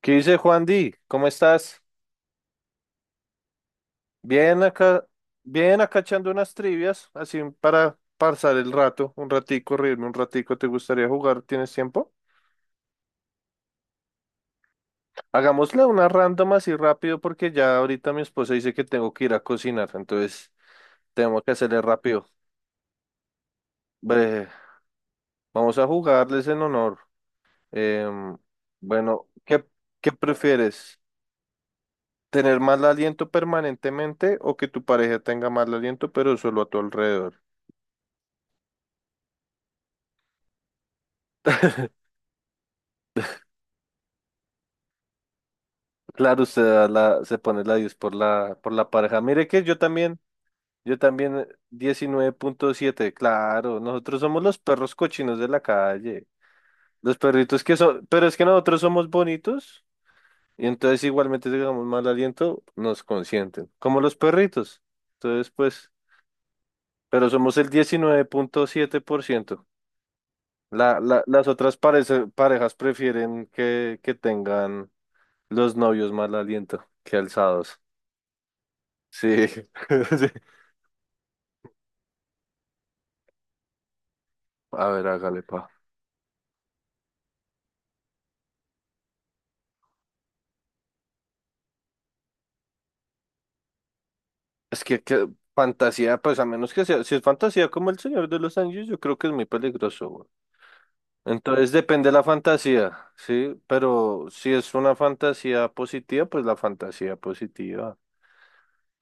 ¿Qué dice Juan Di? ¿Cómo estás? Bien acá, bien acá echando unas trivias, así para pasar el rato, un ratico, reírme un ratico. ¿Te gustaría jugar? ¿Tienes tiempo? Hagámosle una random así rápido porque ya ahorita mi esposa dice que tengo que ir a cocinar, entonces tengo que hacerle rápido. Bre- Vamos a jugarles en honor. Em, bueno, ¿qué prefieres? ¿Tener mal aliento permanentemente o que tu pareja tenga mal aliento pero solo a tu alrededor? Claro, usted da se pone la 10 por por la pareja. Mire que yo también 19,7. Claro, nosotros somos los perros cochinos de la calle, los perritos que son, pero es que nosotros somos bonitos y entonces igualmente si digamos mal aliento, nos consienten, como los perritos. Entonces, pues, pero somos el 19,7%. Las otras parejas prefieren que tengan los novios mal aliento que alzados. Sí. A ver, hágale, pa. Es que fantasía, pues a menos que sea, si es fantasía como El Señor de los Anillos, yo creo que es muy peligroso, güey. Entonces depende de la fantasía, ¿sí? Pero si es una fantasía positiva, pues la fantasía positiva.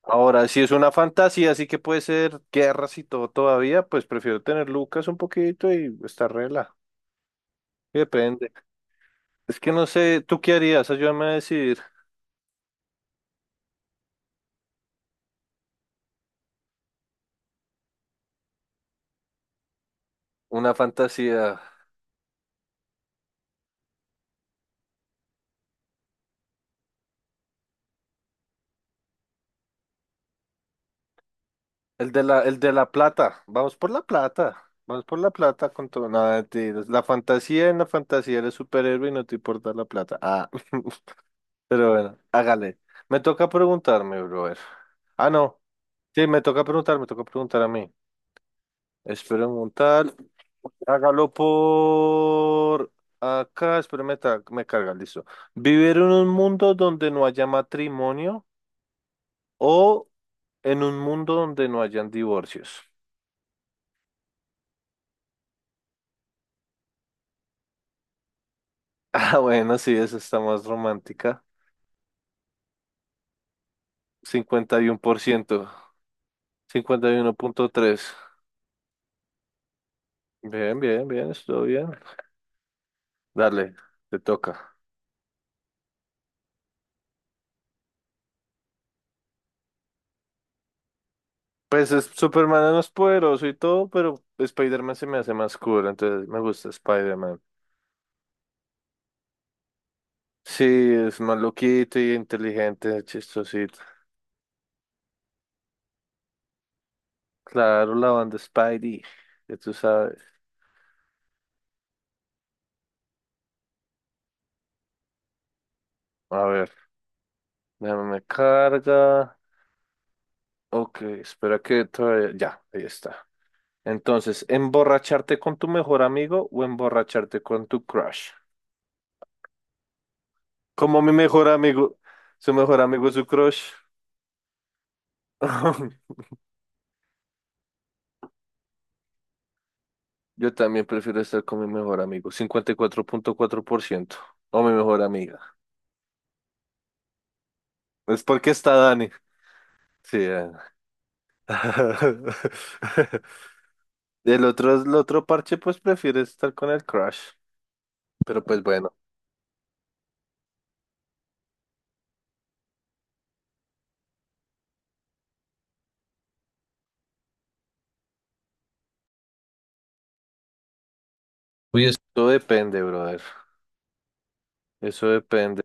Ahora, si es una fantasía, así que puede ser guerras y todo todavía, pues prefiero tener Lucas un poquito y estar rela. Depende. Es que no sé, ¿tú qué harías? Ayúdame a decidir una fantasía. El de el de la plata. Vamos por la plata. Vamos por la plata con todo. Nada, mentiras. La fantasía en la fantasía eres superhéroe y no te importa la plata. Ah, pero bueno, hágale. Me toca preguntarme, brother. Ah, no. Sí, me toca preguntar a mí. Espero preguntar. Hágalo por acá. Espérame, me carga, listo. ¿Vivir en un mundo donde no haya matrimonio o en un mundo donde no hayan divorcios? Ah, bueno, sí, esa está más romántica. Cincuenta cincuenta y por ciento, 51,3. Bien, bien, bien, estuvo bien. Dale, te toca. Pues es, Superman no es poderoso y todo, pero Spider-Man se me hace más cool, entonces me gusta Spider-Man. Sí, es más loquito y inteligente, chistosito. Claro, la banda Spidey, ya tú sabes. A ver, déjame me carga. Ok, espera que todavía... Ya, ahí está. Entonces, ¿emborracharte con tu mejor amigo o emborracharte con tu crush? Como mi mejor amigo, su mejor amigo es su crush. Yo también prefiero estar con mi mejor amigo, cincuenta y cuatro punto cuatro por ciento o mi mejor amiga. Es porque está Dani. Sí. El otro parche, pues prefiere estar con el crush. Pero pues bueno, uy, depende, brother. Eso depende.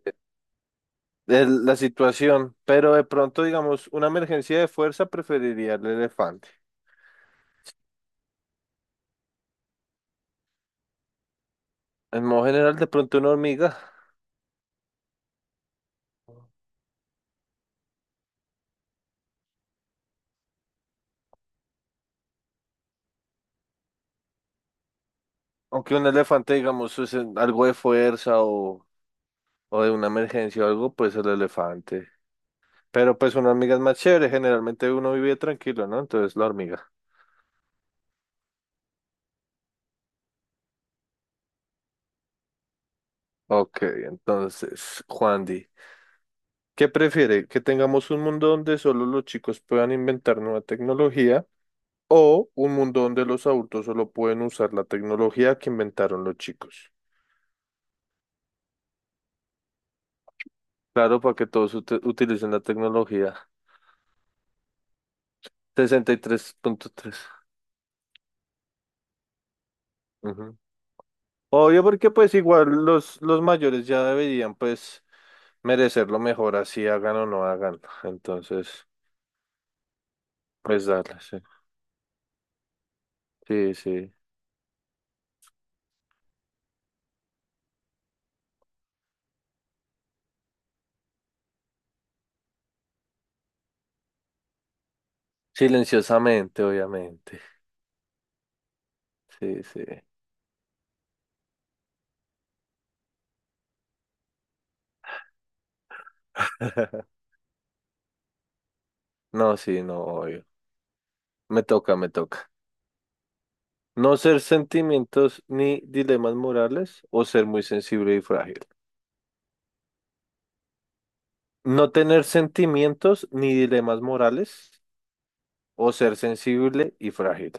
La situación, pero de pronto, digamos, una emergencia de fuerza preferiría el elefante. En modo general, de pronto una hormiga, aunque un elefante, digamos, algo de fuerza o de una emergencia o algo, pues el elefante. Pero pues una hormiga es más chévere, generalmente uno vive tranquilo, ¿no? Entonces la hormiga. Ok, entonces, Juan Di, ¿qué prefiere? ¿Que tengamos un mundo donde solo los chicos puedan inventar nueva tecnología o un mundo donde los adultos solo pueden usar la tecnología que inventaron los chicos? Claro, para que todos utilicen la tecnología. 63.3. Ujú. Obvio, porque pues igual los mayores ya deberían pues merecer lo mejor, así hagan o no hagan. Entonces, pues darle, sí. Sí, sí. Silenciosamente, obviamente. Sí, sí. No, sí, no, obvio. Me toca, me toca. No ser sentimientos ni dilemas morales o ser muy sensible y frágil. No tener sentimientos ni dilemas morales o ser sensible y frágil.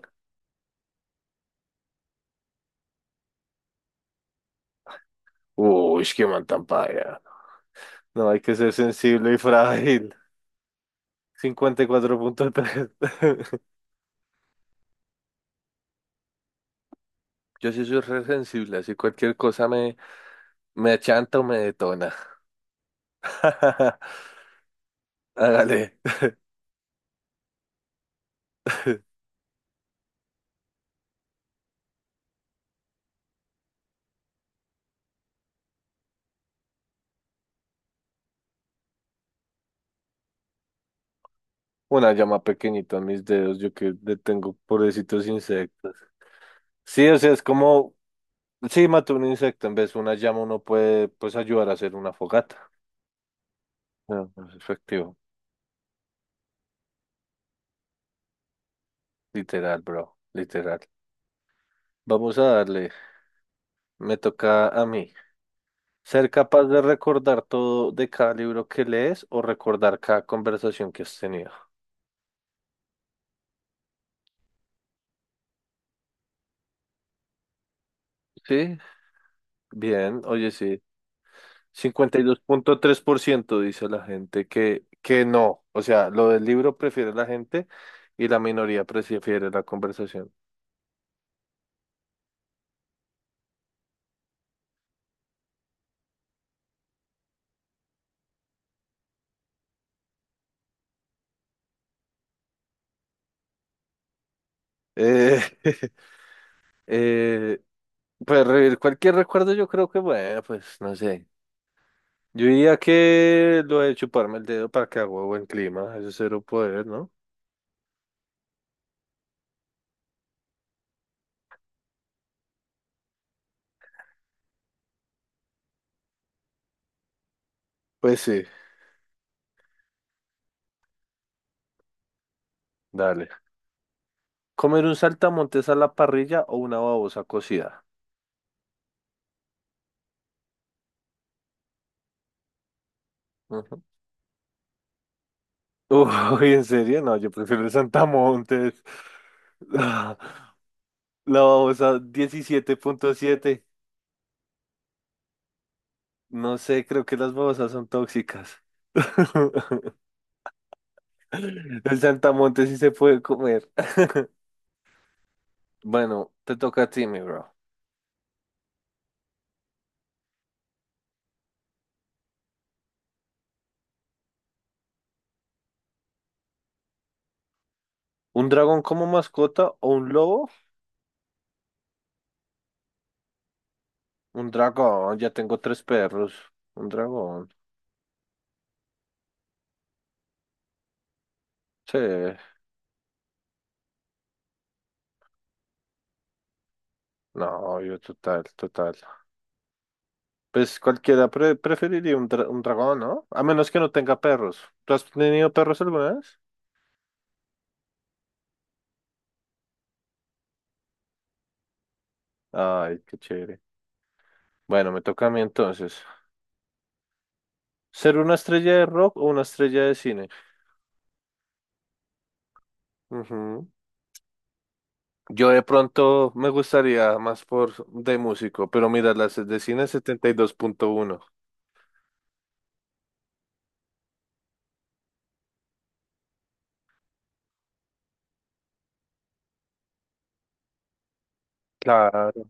Uy, qué mal tan paila. No, hay que ser sensible y frágil. 54,3. Yo sí soy re sensible, así cualquier cosa me, me achanta o me detona. Hágale. Una llama pequeñita en mis dedos, yo que le tengo pobrecitos insectos. Sí, o sea, es como, sí, mató un insecto, en vez de una llama uno puede, pues, ayudar a hacer una fogata. No, no es efectivo. Literal, bro, literal. Vamos a darle. Me toca a mí. Ser capaz de recordar todo de cada libro que lees o recordar cada conversación que has tenido. Sí, bien, oye, sí. 52.3% dice la gente que no. O sea, lo del libro prefiere la gente y la minoría prefiere la conversación. Eh, eh, pues revivir cualquier recuerdo, yo creo que, bueno, pues no sé. Yo diría que lo de chuparme el dedo para que haga buen clima, eso es cero poder, ¿no? Pues sí. Dale. ¿Comer un saltamontes a la parrilla o una babosa cocida? Ujú. Uy, ¿en serio? No, yo prefiero el saltamontes. La babosa 17,7. No sé, creo que las babosas son tóxicas. El saltamontes sí se puede comer. Bueno, te toca a ti, mi bro. ¿Un dragón como mascota o un lobo? Un dragón, ya tengo tres perros. Un dragón. Sí. No, yo total, total. Pues cualquiera preferiría un dragón, ¿no? A menos que no tenga perros. ¿Tú has tenido perros alguna vez? Ay, qué chévere. Bueno, me toca a mí entonces. ¿Ser una estrella de rock o una estrella de cine? Ujú. Yo de pronto me gustaría más por de músico, pero mira, las de cine 72,1. Claro.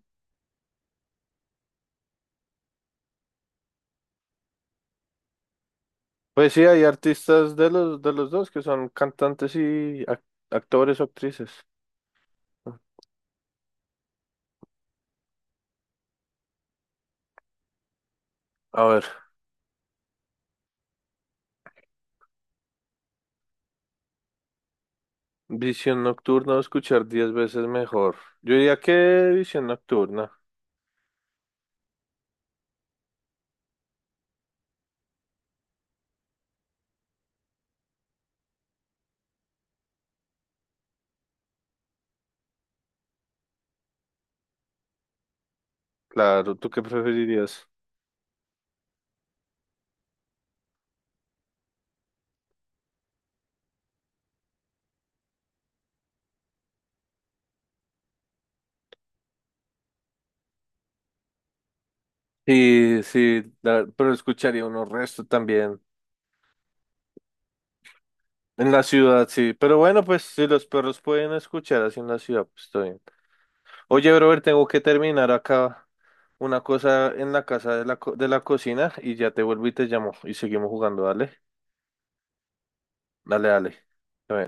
Pues sí, hay artistas de de los dos que son cantantes y actores o actrices. A ver. Visión nocturna o escuchar diez veces mejor. Yo diría que visión nocturna. Claro, ¿tú qué preferirías? Sí, sí, pero escucharía unos resto también. En la ciudad, sí. Pero bueno, pues si los perros pueden escuchar así en la ciudad, pues estoy bien. Oye, Robert, tengo que terminar acá una cosa en la casa de de la cocina y ya te vuelvo y te llamo y seguimos jugando, dale. Dale, dale. Está bien.